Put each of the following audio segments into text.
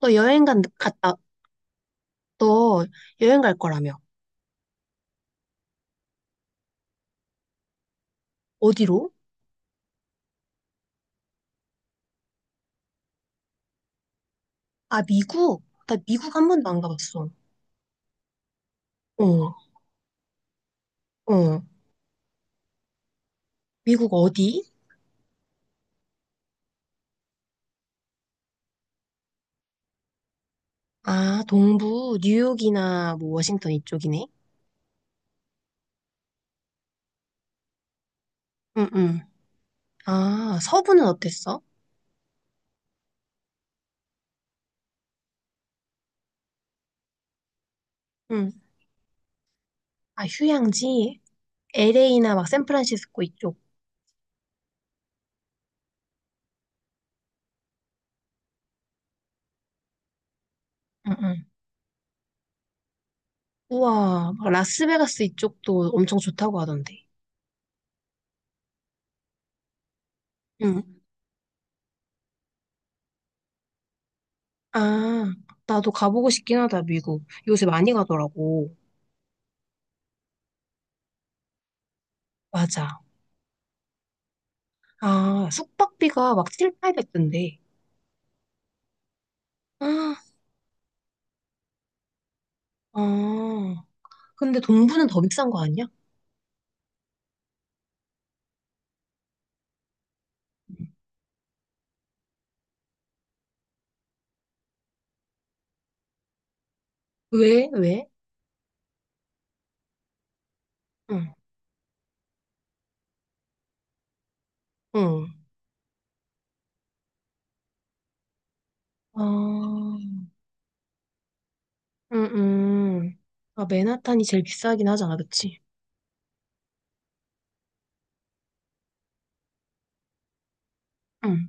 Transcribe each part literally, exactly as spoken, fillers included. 너 여행 간, 갔다, 너 여행 갈 거라며. 어디로? 아, 미국? 나 미국 한 번도 안 가봤어. 어, 어. 미국 어디? 아, 동부, 뉴욕이나 뭐 워싱턴 이쪽이네. 응, 응. 아, 서부는 어땠어? 응. 아, 휴양지? 엘에이나 막 샌프란시스코 이쪽. 응, 응. 우와, 막 라스베가스 이쪽도 엄청 좋다고 하던데. 응. 아, 나도 가보고 싶긴 하다, 미국. 요새 많이 가더라고. 맞아. 아, 숙박비가 막 칠, 팔 공 공데 아, 아. 근데 동부는 더 비싼 거 아니야? 왜? 왜? 응, 응. 아, 응, 응. 아, 맨하탄이 제일 비싸긴 하잖아, 그치? 응.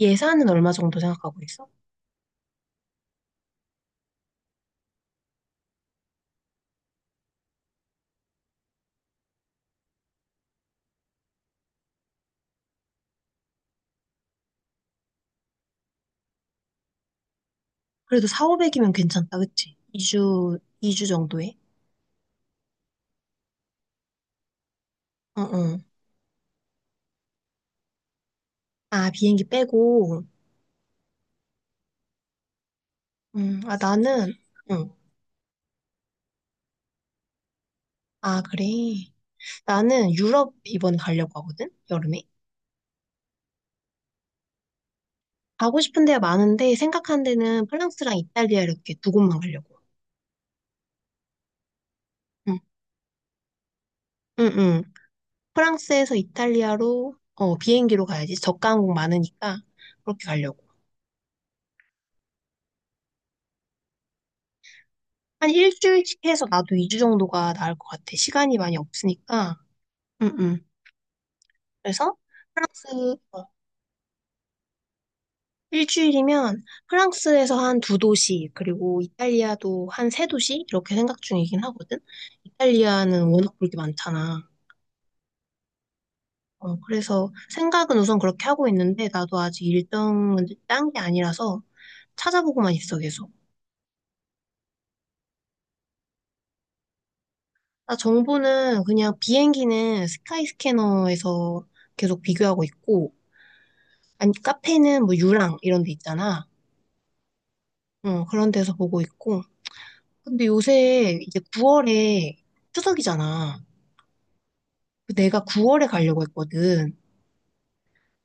예산은 얼마 정도 생각하고 있어? 그래도 사, 오백이면 괜찮다, 그치? 이 주, 이 주 정도에? 응, 응. 아, 비행기 빼고. 응, 아, 나는, 응. 아, 그래. 나는 유럽 이번에 가려고 하거든? 여름에? 가고 싶은 데가 많은데 생각한 데는 프랑스랑 이탈리아 이렇게 두 곳만 가려고. 응, 응, 응. 프랑스에서 이탈리아로 어, 비행기로 가야지. 저가 항공 많으니까 그렇게 가려고. 한 일주일씩 해서 나도 이 주 정도가 나을 것 같아. 시간이 많이 없으니까. 응, 응. 그래서 프랑스 어, 일주일이면 프랑스에서 한 두 도시 그리고 이탈리아도 한 세 도시 이렇게 생각 중이긴 하거든. 이탈리아는 워낙 볼 게 많잖아. 어, 그래서 생각은 우선 그렇게 하고 있는데 나도 아직 일정은 딴 게 아니라서 찾아보고만 있어 계속. 나 정보는 그냥 비행기는 스카이스캐너에서 계속 비교하고 있고 아니 카페는 뭐 유랑 이런 데 있잖아. 어, 그런 데서 보고 있고. 근데 요새 이제 구월에 추석이잖아. 그 내가 구월에 가려고 했거든.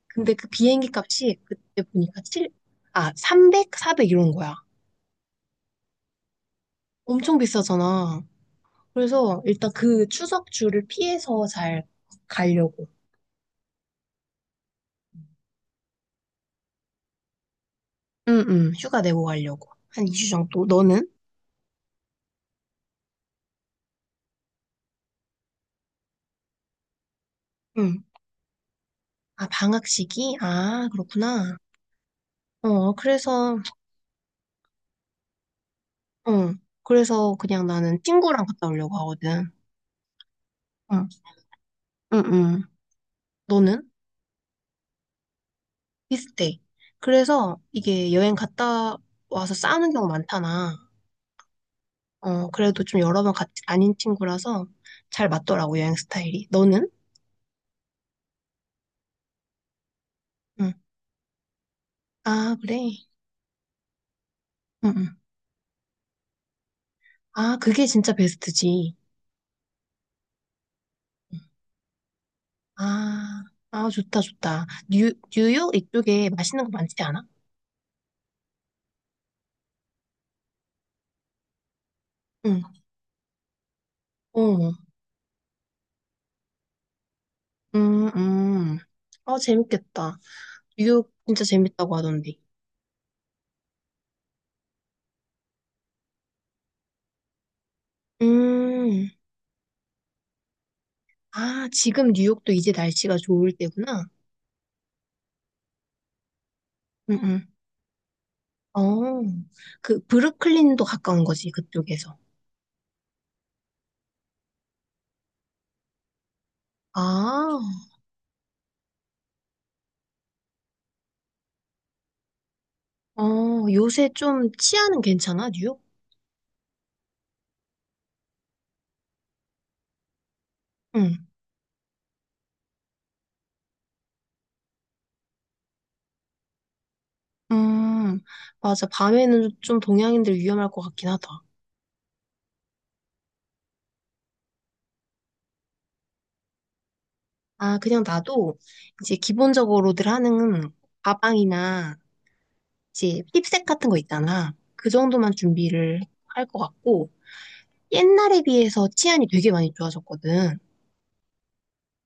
근데 그 비행기 값이 그때 보니까 칠 아, 삼백, 사백 이런 거야. 엄청 비싸잖아. 그래서 일단 그 추석 주를 피해서 잘 가려고. 응, 응, 휴가 내고 가려고. 한 이 주 정도. 너는? 응. 아, 방학 시기? 아, 그렇구나. 어, 그래서, 응. 그래서 그냥 나는 친구랑 갔다 오려고 하거든. 응, 응, 응. 너는? 비슷해. 그래서 이게 여행 갔다 와서 싸우는 경우 많잖아. 어, 그래도 좀 여러 번 같이 다닌 친구라서 잘 맞더라고, 여행 스타일이. 너는? 응. 아, 그래. 응응. 아, 그게 진짜 베스트지. 아, 아, 좋다, 좋다. 뉴, 뉴욕 이쪽에 맛있는 거 많지 않아? 응, 어, 음, 음. 아, 재밌겠다. 뉴욕 진짜 재밌다고 하던데. 음, 아, 지금 뉴욕도 이제 날씨가 좋을 때구나. 응, 응. 어, 그, 브루클린도 가까운 거지, 그쪽에서. 아, 어, 요새 좀 치안은 괜찮아, 뉴욕? 응, 음, 맞아. 밤에는 좀 동양인들 위험할 것 같긴 하다. 아, 그냥 나도 이제 기본적으로들 하는 가방이나 이제 힙색 같은 거 있잖아. 그 정도만 준비를 할 것 같고, 옛날에 비해서 치안이 되게 많이 좋아졌거든.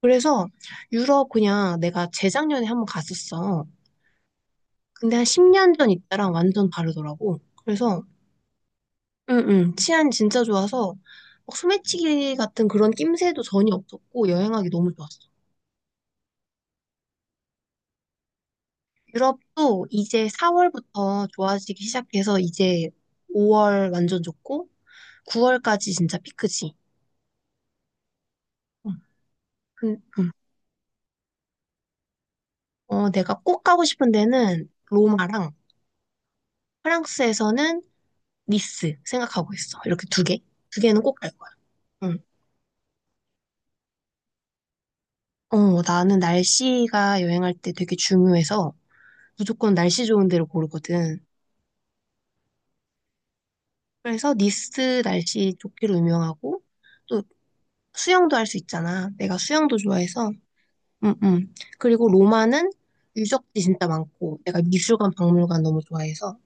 그래서 유럽 그냥 내가 재작년에 한번 갔었어. 근데 한 십 년 전 이때랑 완전 다르더라고. 그래서, 응, 응, 치안 진짜 좋아서 막 소매치기 같은 그런 낌새도 전혀 없었고, 여행하기 너무 좋았어. 유럽도 이제 사월부터 좋아지기 시작해서 이제 오월 완전 좋고 구월까지 진짜 피크지. 응. 그- 응. 어, 내가 꼭 가고 싶은 데는 로마랑 프랑스에서는 니스 생각하고 있어. 이렇게 두 개. 두 개는 꼭 갈 거야. 응. 어, 나는 날씨가 여행할 때 되게 중요해서 무조건 날씨 좋은 데를 고르거든. 그래서 니스 날씨 좋기로 유명하고 또 수영도 할 수 있잖아. 내가 수영도 좋아해서 음, 음. 그리고 로마는 유적지 진짜 많고, 내가 미술관, 박물관 너무 좋아해서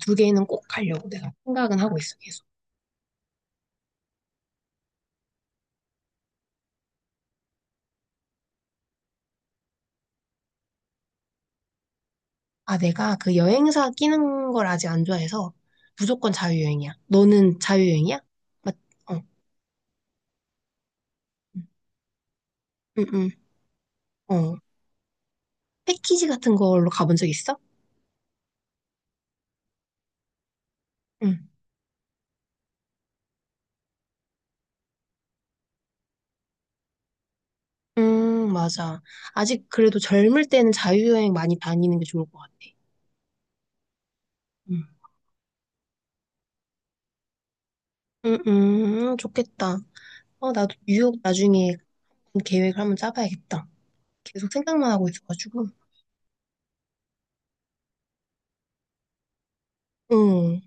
두 개는 꼭 가려고 내가 생각은 하고 있어, 계속. 아, 내가 그 여행사 끼는 걸 아직 안 좋아해서 무조건 자유여행이야. 너는 자유여행이야? 맞, 어, 응응 어. 패키지 같은 걸로 가본 적 있어? 응. 음, 맞아. 아직 그래도 젊을 때는 자유여행 많이 다니는 게 좋을 것 같아. 응. 음, 응응 좋겠다. 어, 나도 뉴욕 나중에 계획을 한번 짜봐야겠다. 계속 생각만 하고 있어가지고. 응,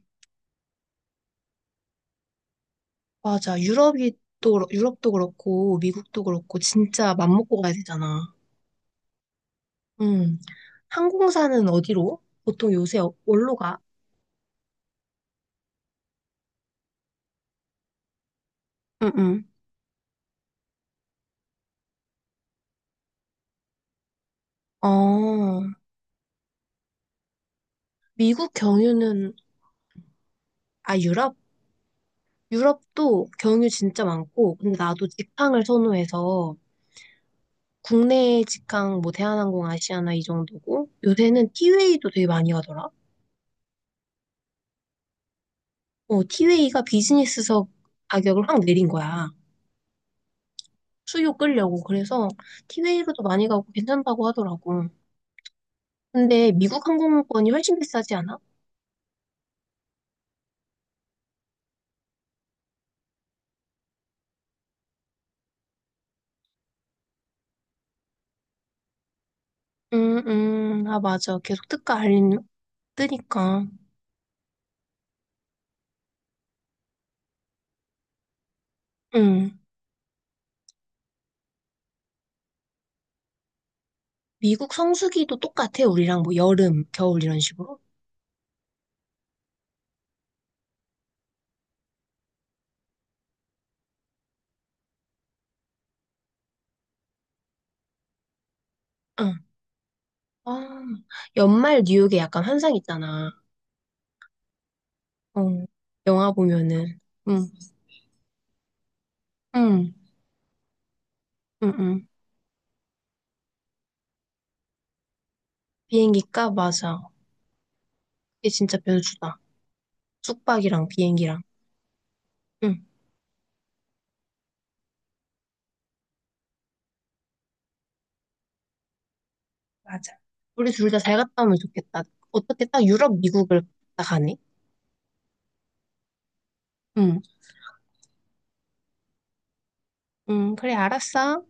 맞아. 유럽이 또, 그렇- 유럽도 그렇고, 미국도 그렇고, 진짜 맘먹고 가야 되잖아. 응. 항공사는 어디로? 보통 요새 어- 뭘로 가? 응응. 어, 미국 경유는, 아, 유럽? 유럽도 경유 진짜 많고, 근데 나도 직항을 선호해서, 국내 직항, 뭐, 대한항공, 아시아나 이 정도고, 요새는 티웨이도 되게 많이 가더라. 어, 티웨이가 비즈니스석 가격을 확 내린 거야. 수요 끌려고. 그래서 티웨이로도 많이 가고 괜찮다고 하더라고. 근데 미국 항공권이 훨씬 비싸지 않아? 음, 음, 아, 맞아. 계속 특가 알림 뜨니까. 음. 미국 성수기도 똑같아, 우리랑 뭐 여름, 겨울 이런 식으로. 응. 아, 연말 뉴욕에 약간 환상 있잖아. 응, 영화 보면은. 응, 응, 응, 응. 비행기 값 맞아. 이게 진짜 변수다. 숙박이랑 비행기랑. 응. 맞아. 우리 둘 다 잘 갔다 오면 좋겠다. 어떻게 딱 유럽, 미국을 다 가네? 응, 응, 그래, 알았어.